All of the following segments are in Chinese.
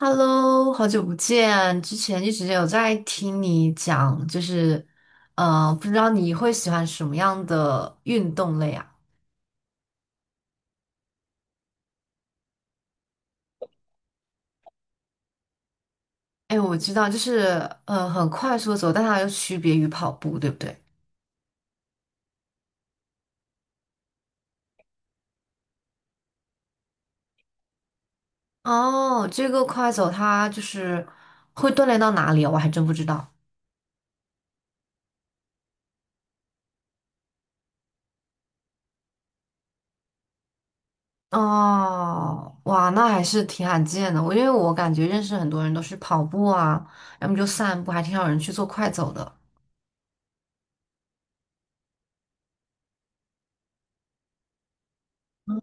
Hello，好久不见！之前一直有在听你讲，不知道你会喜欢什么样的运动类啊？哎，我知道，很快速的走，但它又区别于跑步，对不对？哦，这个快走它就是会锻炼到哪里啊？我还真不知道。哦，哇，那还是挺罕见的。因为我感觉认识很多人都是跑步啊，要么就散步，还挺少人去做快走的。嗯，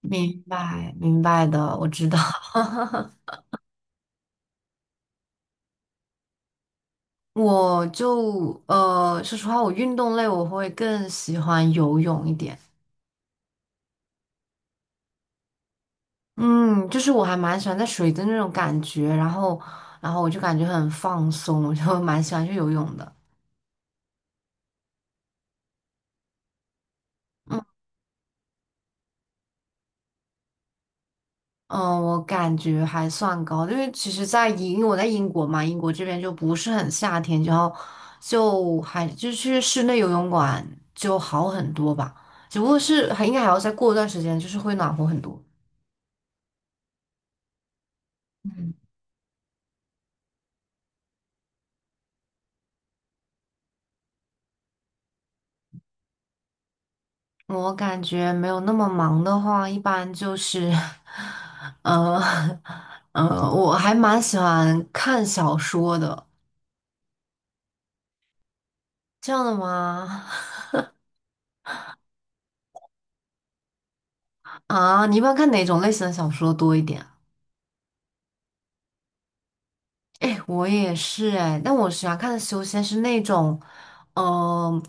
明白，明白的，我知道。我就说实话，我运动类我会更喜欢游泳一点。嗯，就是我还蛮喜欢在水的那种感觉，然后我就感觉很放松，我就蛮喜欢去游泳的。嗯嗯，我感觉还算高，因为其实在英，因为我在英国嘛，英国这边就不是很夏天，然后就还就去室内游泳馆就好很多吧，只不过是还应该还要再过一段时间，就是会暖和很多。我感觉没有那么忙的话，一般就是，呃，我还蛮喜欢看小说的。这样的吗？啊，你一般看哪种类型的小说多一点啊？哎，我也是哎，但我喜欢看的修仙是那种，嗯、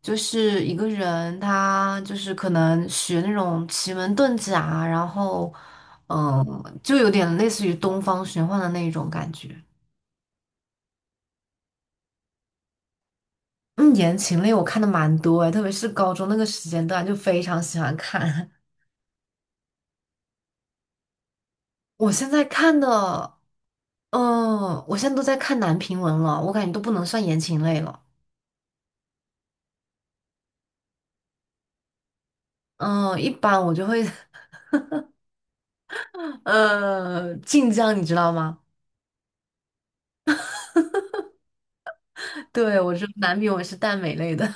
就是一个人他就是可能学那种奇门遁甲，然后，嗯、就有点类似于东方玄幻的那一种感觉。嗯，言情类我看的蛮多诶，特别是高中那个时间段，就非常喜欢看。我现在看的，嗯，我现在都在看男频文了，我感觉都不能算言情类了。嗯，一般我就会，晋江，你知道吗？对，我说男频文是耽美类的，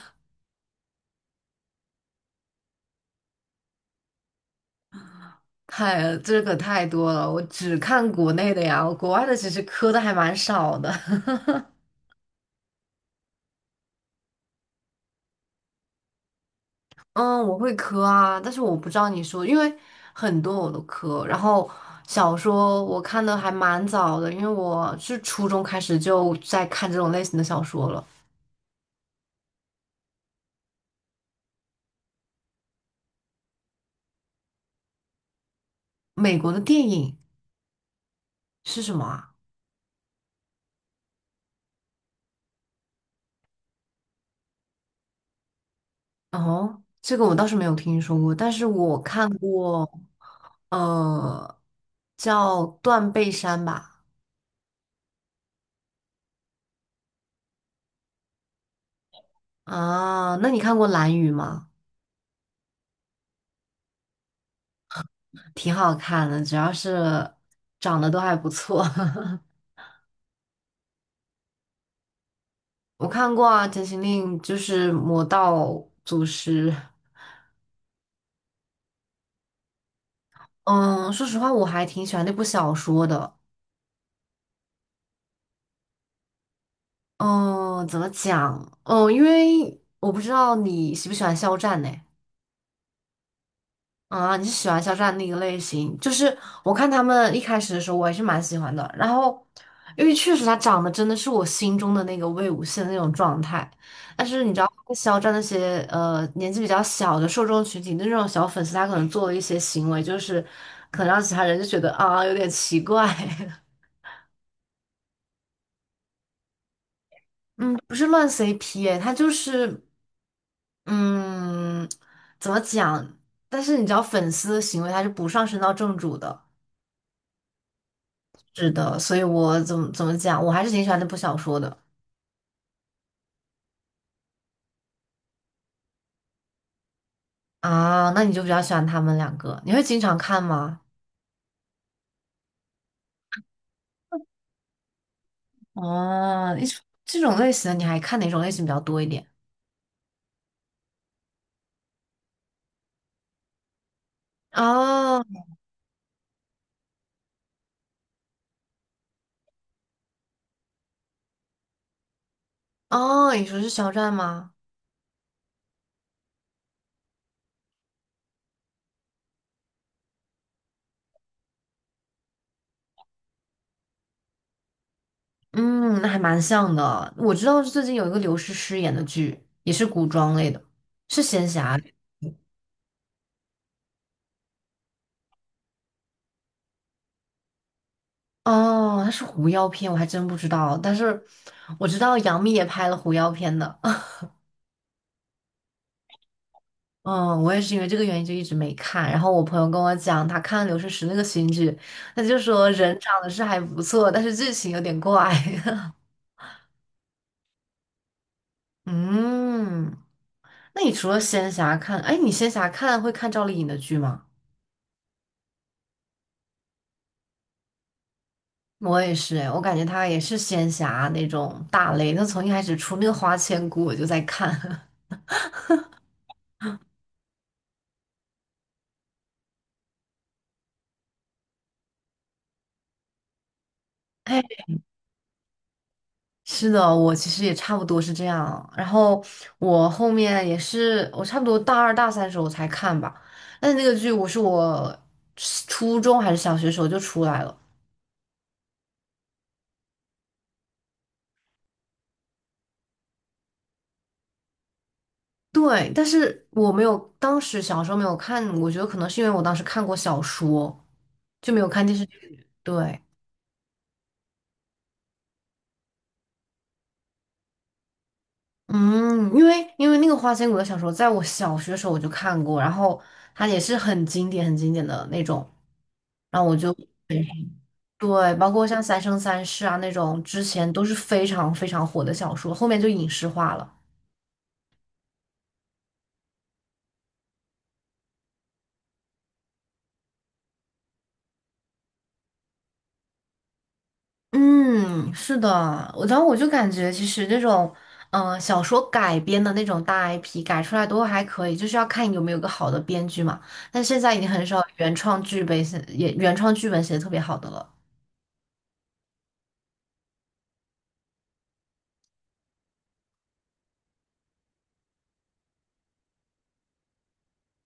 太，这个太多了，我只看国内的呀，我国外的其实磕的还蛮少的。嗯，我会磕啊，但是我不知道你说，因为很多我都磕。然后小说我看的还蛮早的，因为我是初中开始就在看这种类型的小说了。美国的电影是什么啊？哦，这个我倒是没有听说过，但是我看过，呃，叫《断背山》吧。啊，那你看过《蓝宇》吗？挺好看的，主要是长得都还不错。我看过啊，《减行令》就是魔道祖师。嗯，说实话，我还挺喜欢那部小说的。嗯，怎么讲？嗯，因为我不知道你喜不喜欢肖战呢？啊，你是喜欢肖战那个类型？就是我看他们一开始的时候，我还是蛮喜欢的。然后，因为确实他长得真的是我心中的那个魏无羡的那种状态。但是你知道，肖战那些年纪比较小的受众群体的那种小粉丝，他可能做了一些行为，就是可能让其他人就觉得啊有点奇怪。嗯，不是乱 CP 哎，他就是嗯怎么讲？但是你知道，粉丝的行为他是不上升到正主的。是的，所以我怎么讲，我还是挺喜欢那部小说的啊。那你就比较喜欢他们两个，你会经常看吗？哦，你这种类型的你还看哪种类型比较多一点？哦哦，你说是肖战吗？嗯，那还蛮像的。我知道最近有一个刘诗诗演的剧，也是古装类的，是仙侠类哦，它是狐妖片，我还真不知道。但是我知道杨幂也拍了狐妖片的。嗯，我也是因为这个原因就一直没看。然后我朋友跟我讲，他看了《刘诗诗》那个新剧，他就说人长得是还不错，但是剧情有点怪。嗯，那你除了仙侠看，哎，你仙侠看会看赵丽颖的剧吗？我也是，哎，我感觉她也是仙侠那种大类。她从一开始出那个《花千骨》，我就在看。哎，是的，我其实也差不多是这样。然后我后面也是，我差不多大二大三时候才看吧。但是那个剧我初中还是小学时候就出来了。对，但是我没有，当时小时候没有看，我觉得可能是因为我当时看过小说，就没有看电视剧。对，嗯，因为那个《花千骨》的小说，在我小学时候我就看过，然后它也是很经典的那种，然后我就。对，包括像《三生三世》啊那种，之前都是非常火的小说，后面就影视化了。嗯，是的，我然后我就感觉其实那种，小说改编的那种大 IP 改出来都还可以，就是要看有没有个好的编剧嘛。但现在已经很少原创剧本写，也原创剧本写的特别好的了。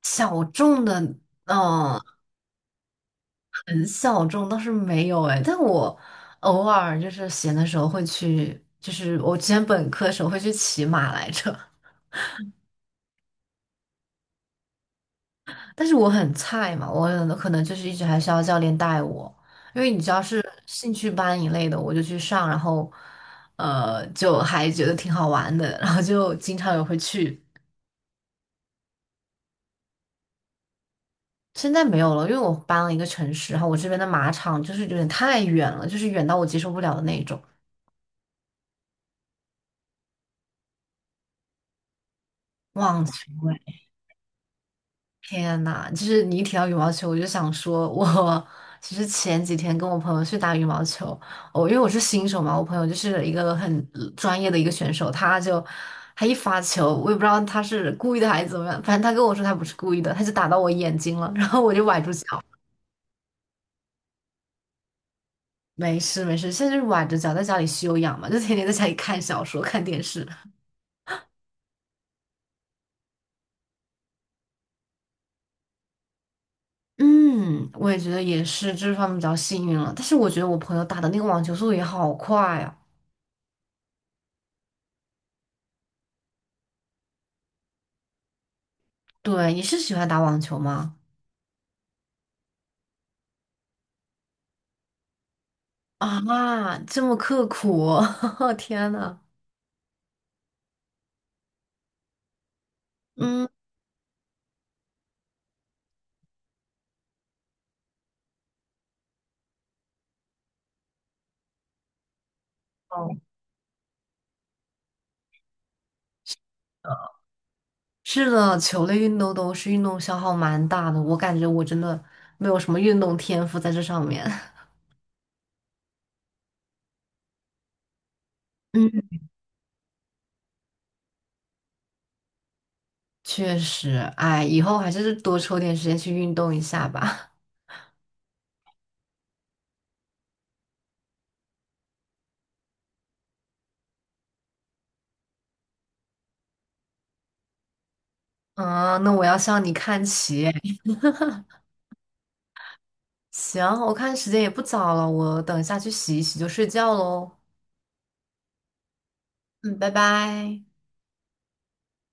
小众的，嗯、很小众倒是没有哎，但我偶尔就是闲的时候会去，就是我之前本科的时候会去骑马来着。但是我很菜嘛，我可能就是一直还是要教练带我，因为你知道是兴趣班一类的，我就去上，然后就还觉得挺好玩的，然后就经常也会去。现在没有了，因为我搬了一个城市，然后我这边的马场就是有点太远了，就是远到我接受不了的那种。忘情天呐，就是你一提到羽毛球，我就想说我，其实前几天跟我朋友去打羽毛球，我、因为我是新手嘛，我朋友就是一个很专业的一个选手，他一发球，我也不知道他是故意的还是怎么样，反正他跟我说他不是故意的，他就打到我眼睛了，然后我就崴住脚。没事没事，现在就是崴着脚在家里休养嘛，就天天在家里看小说、看电视。嗯，我也觉得也是这方面比较幸运了，但是我觉得我朋友打的那个网球速度也好快啊。对，你是喜欢打网球吗？啊，这么刻苦，天呐。嗯，哦是的，球类运动都是运动消耗蛮大的，我感觉我真的没有什么运动天赋在这上面。嗯，确实，哎，以后还是多抽点时间去运动一下吧。嗯，那我要向你看齐哎行，我看时间也不早了，我等一下去洗一洗就睡觉喽。嗯，拜拜。